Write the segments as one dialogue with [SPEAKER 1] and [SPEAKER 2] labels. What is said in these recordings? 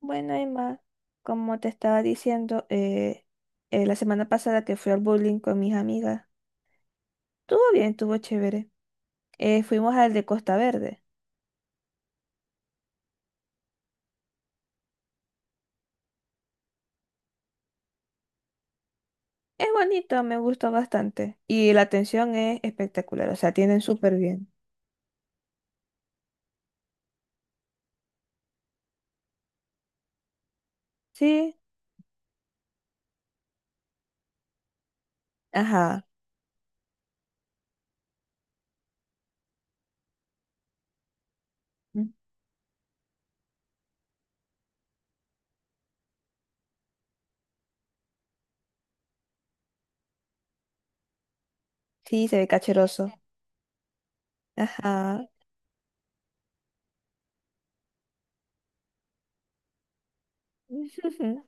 [SPEAKER 1] Bueno, Emma, como te estaba diciendo la semana pasada que fui al bowling con mis amigas, estuvo bien, estuvo chévere. Fuimos al de Costa Verde. Es bonito, me gustó bastante. Y la atención es espectacular, o sea, tienen súper bien. Sí, ajá. Mm. Sí, se ve cacheroso. Ajá.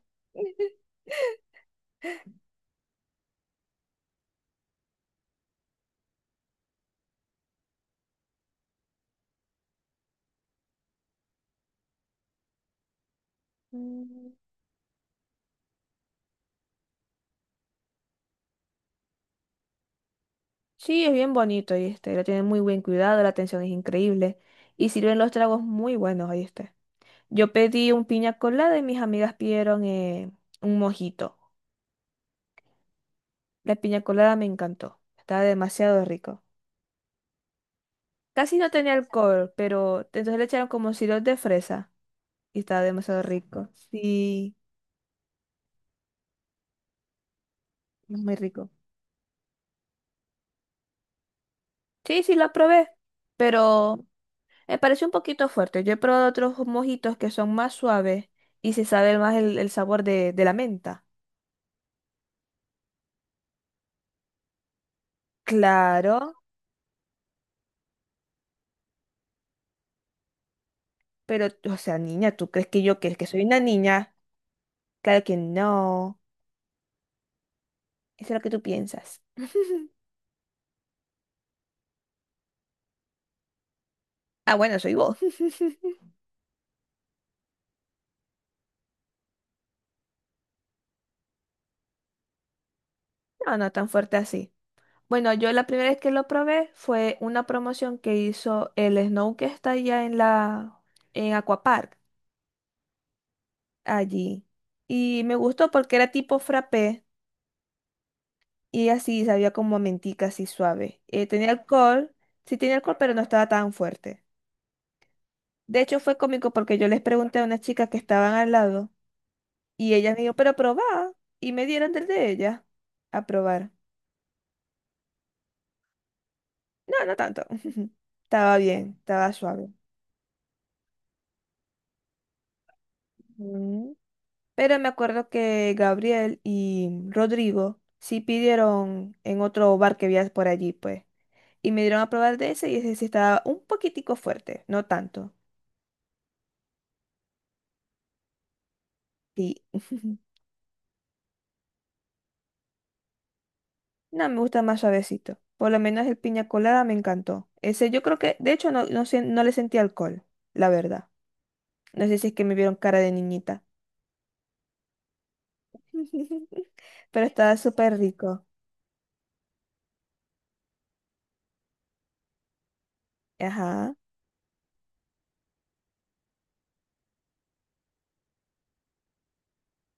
[SPEAKER 1] Mm. Sí, es bien bonito, ahí está. Lo tienen muy buen cuidado, la atención es increíble. Y sirven los tragos muy buenos, ahí. Yo pedí un piña colada y mis amigas pidieron un mojito. La piña colada me encantó. Estaba demasiado rico. Casi no tenía alcohol, pero entonces le echaron como sirope de fresa y estaba demasiado rico. Sí, es muy rico. Sí, sí, lo probé, pero me pareció un poquito fuerte. Yo he probado otros mojitos que son más suaves y se sabe más el sabor de la menta. Claro, pero, o sea, niña, ¿tú crees que yo que soy una niña? Claro que no. Eso es lo que tú piensas. Ah, bueno, soy vos. No, no tan fuerte así. Bueno, yo la primera vez que lo probé fue una promoción que hizo el Snow que está allá en la en Aquapark, allí. Y me gustó porque era tipo frappé y así sabía como a mentica así suave. Tenía alcohol, sí tenía alcohol, pero no estaba tan fuerte. De hecho, fue cómico porque yo les pregunté a unas chicas que estaban al lado y ellas me dijo, pero probá. Y me dieron del de ella a probar. No, no tanto. Estaba bien, estaba suave. Mm. Pero me acuerdo que Gabriel y Rodrigo sí pidieron en otro bar que había por allí, pues. Y me dieron a probar de ese y ese sí estaba un poquitico fuerte, no tanto. Sí. No, me gusta más suavecito. Por lo menos el piña colada me encantó. Ese yo creo que, de hecho, no, no, no le sentí alcohol, la verdad. No sé si es que me vieron cara de niñita. Pero estaba súper rico. Ajá.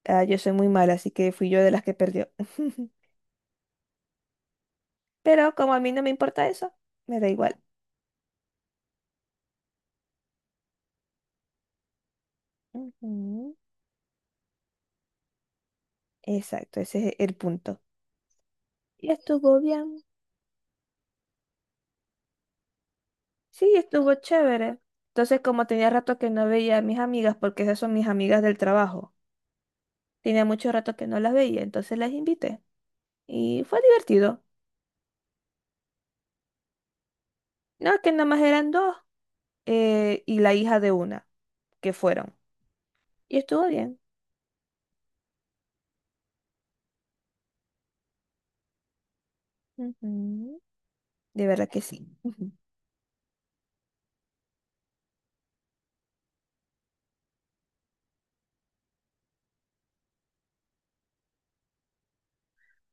[SPEAKER 1] Ah, yo soy muy mala, así que fui yo de las que perdió. Pero como a mí no me importa eso, me da igual. Ujú. Exacto, ese es el punto. Y estuvo bien. Sí, estuvo chévere. Entonces, como tenía rato que no veía a mis amigas, porque esas son mis amigas del trabajo, tenía mucho rato que no las veía, entonces las invité. Y fue divertido. No, que nada más eran dos y la hija de una que fueron. Y estuvo bien. Ujú. De verdad que sí. Ujú.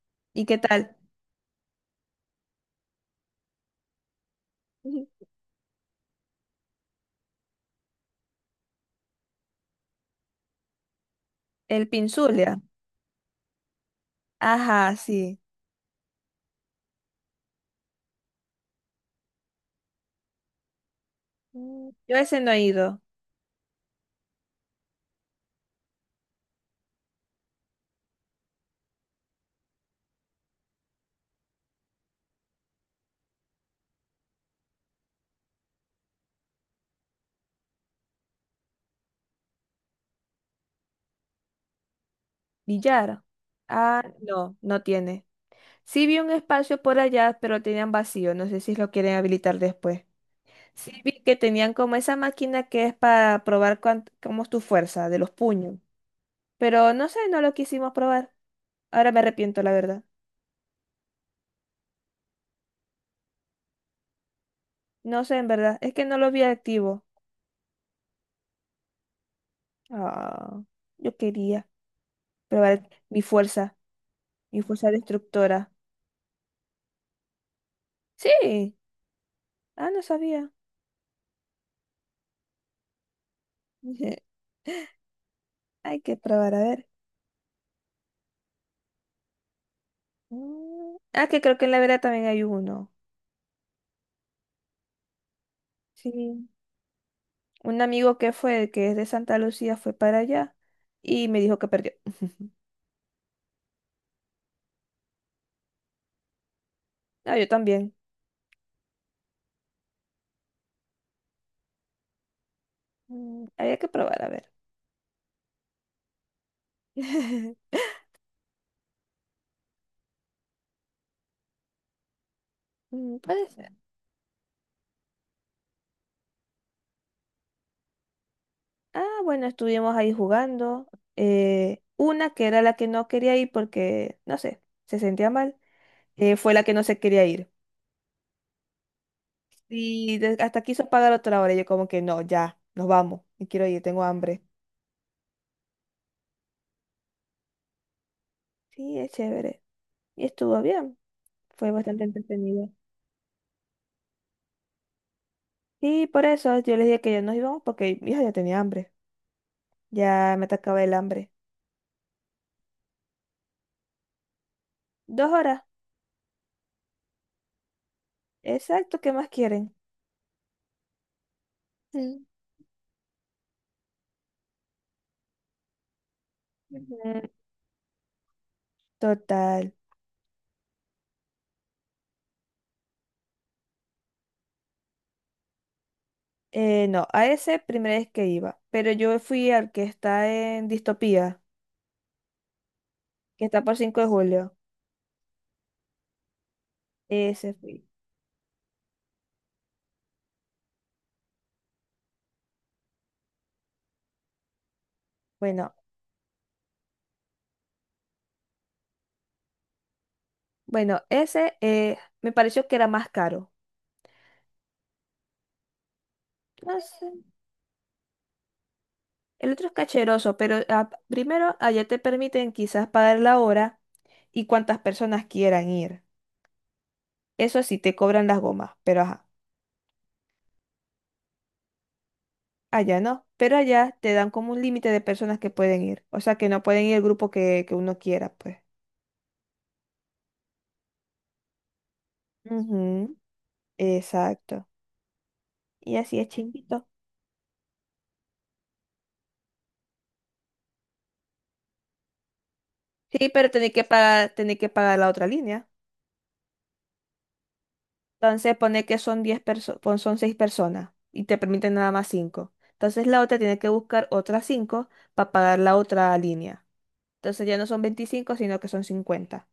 [SPEAKER 1] ¿Y qué tal? El Pinzulia. Ajá, sí. Mm. Yo ese no he ido. Villar. Ah, no, no tiene. Sí vi un espacio por allá, pero tenían vacío. No sé si lo quieren habilitar después. Sí vi que tenían como esa máquina que es para probar cómo es tu fuerza de los puños. Pero no sé, no lo quisimos probar. Ahora me arrepiento, la verdad. No sé, en verdad. Es que no lo vi activo. Ah, yo quería probar mi fuerza destructora. Sí. Ah, no sabía. Ujú. Hay que probar, a ver. Mm. Ah, que creo que en la vera también hay uno. Sí. Un amigo que fue, que es de Santa Lucía, fue para allá y me dijo que perdió. Ah, yo también. Mm. Había que probar, a ver. Mm. Puede ser. Ah, bueno, estuvimos ahí jugando. Una que era la que no quería ir porque, no sé, se sentía mal, fue la que no se quería ir. Y hasta quiso pagar otra hora. Yo como que no, ya, nos vamos. Me quiero ir, tengo hambre. Sí, es chévere. Y estuvo bien, fue bastante entretenido. Y por eso yo les dije que ya nos íbamos porque mi hija ya tenía hambre, ya me atacaba el hambre. 2 horas, exacto, ¿qué más quieren? Mm. Ujú. Total. No, a ese primera vez que iba, pero yo fui al que está en Distopía, que está por 5 de julio. Ese fui. Bueno, bueno, ese me pareció que era más caro. El otro es cacheroso, pero ah, primero allá te permiten quizás pagar la hora y cuántas personas quieran ir. Eso sí, te cobran las gomas, pero ajá, allá no. Pero allá te dan como un límite de personas que pueden ir. O sea, que no pueden ir el grupo que uno quiera, pues. Ujú. Exacto. Y así es chimbito. Sí, pero tenés que pagar la otra línea. Entonces pone que son 10 personas, son 6 personas y te permiten nada más 5. Entonces la otra tiene que buscar otras 5 para pagar la otra línea. Entonces ya no son 25 sino que son 50.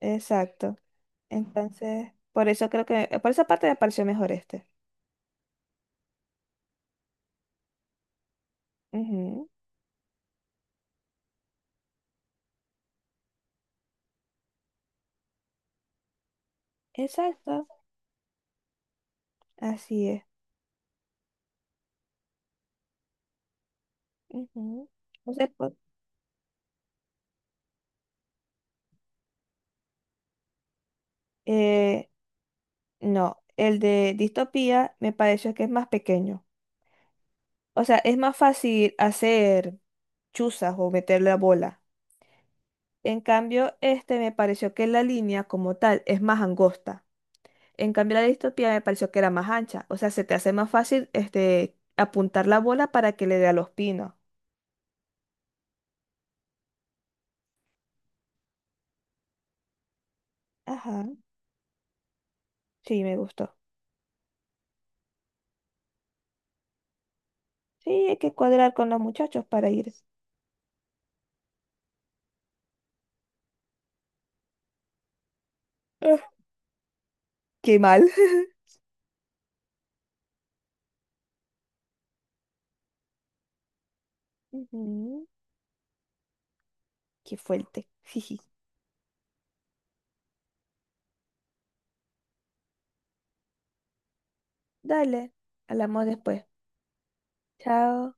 [SPEAKER 1] Exacto. Entonces, por eso creo que, por esa parte me pareció mejor este. Ujú. Exacto. Así es. Ujú. Entonces, pues, eh, no, el de distopía me pareció que es más pequeño. O sea, es más fácil hacer chuzas o meter la bola. En cambio, este me pareció que la línea como tal es más angosta. En cambio, la distopía me pareció que era más ancha. O sea, se te hace más fácil este, apuntar la bola para que le dé a los pinos. Ajá, sí, me gustó. Sí, hay que cuadrar con los muchachos para ir. Ah, qué mal. Ujú. Qué fuerte. Jiji. Dale, hablamos después. Chao.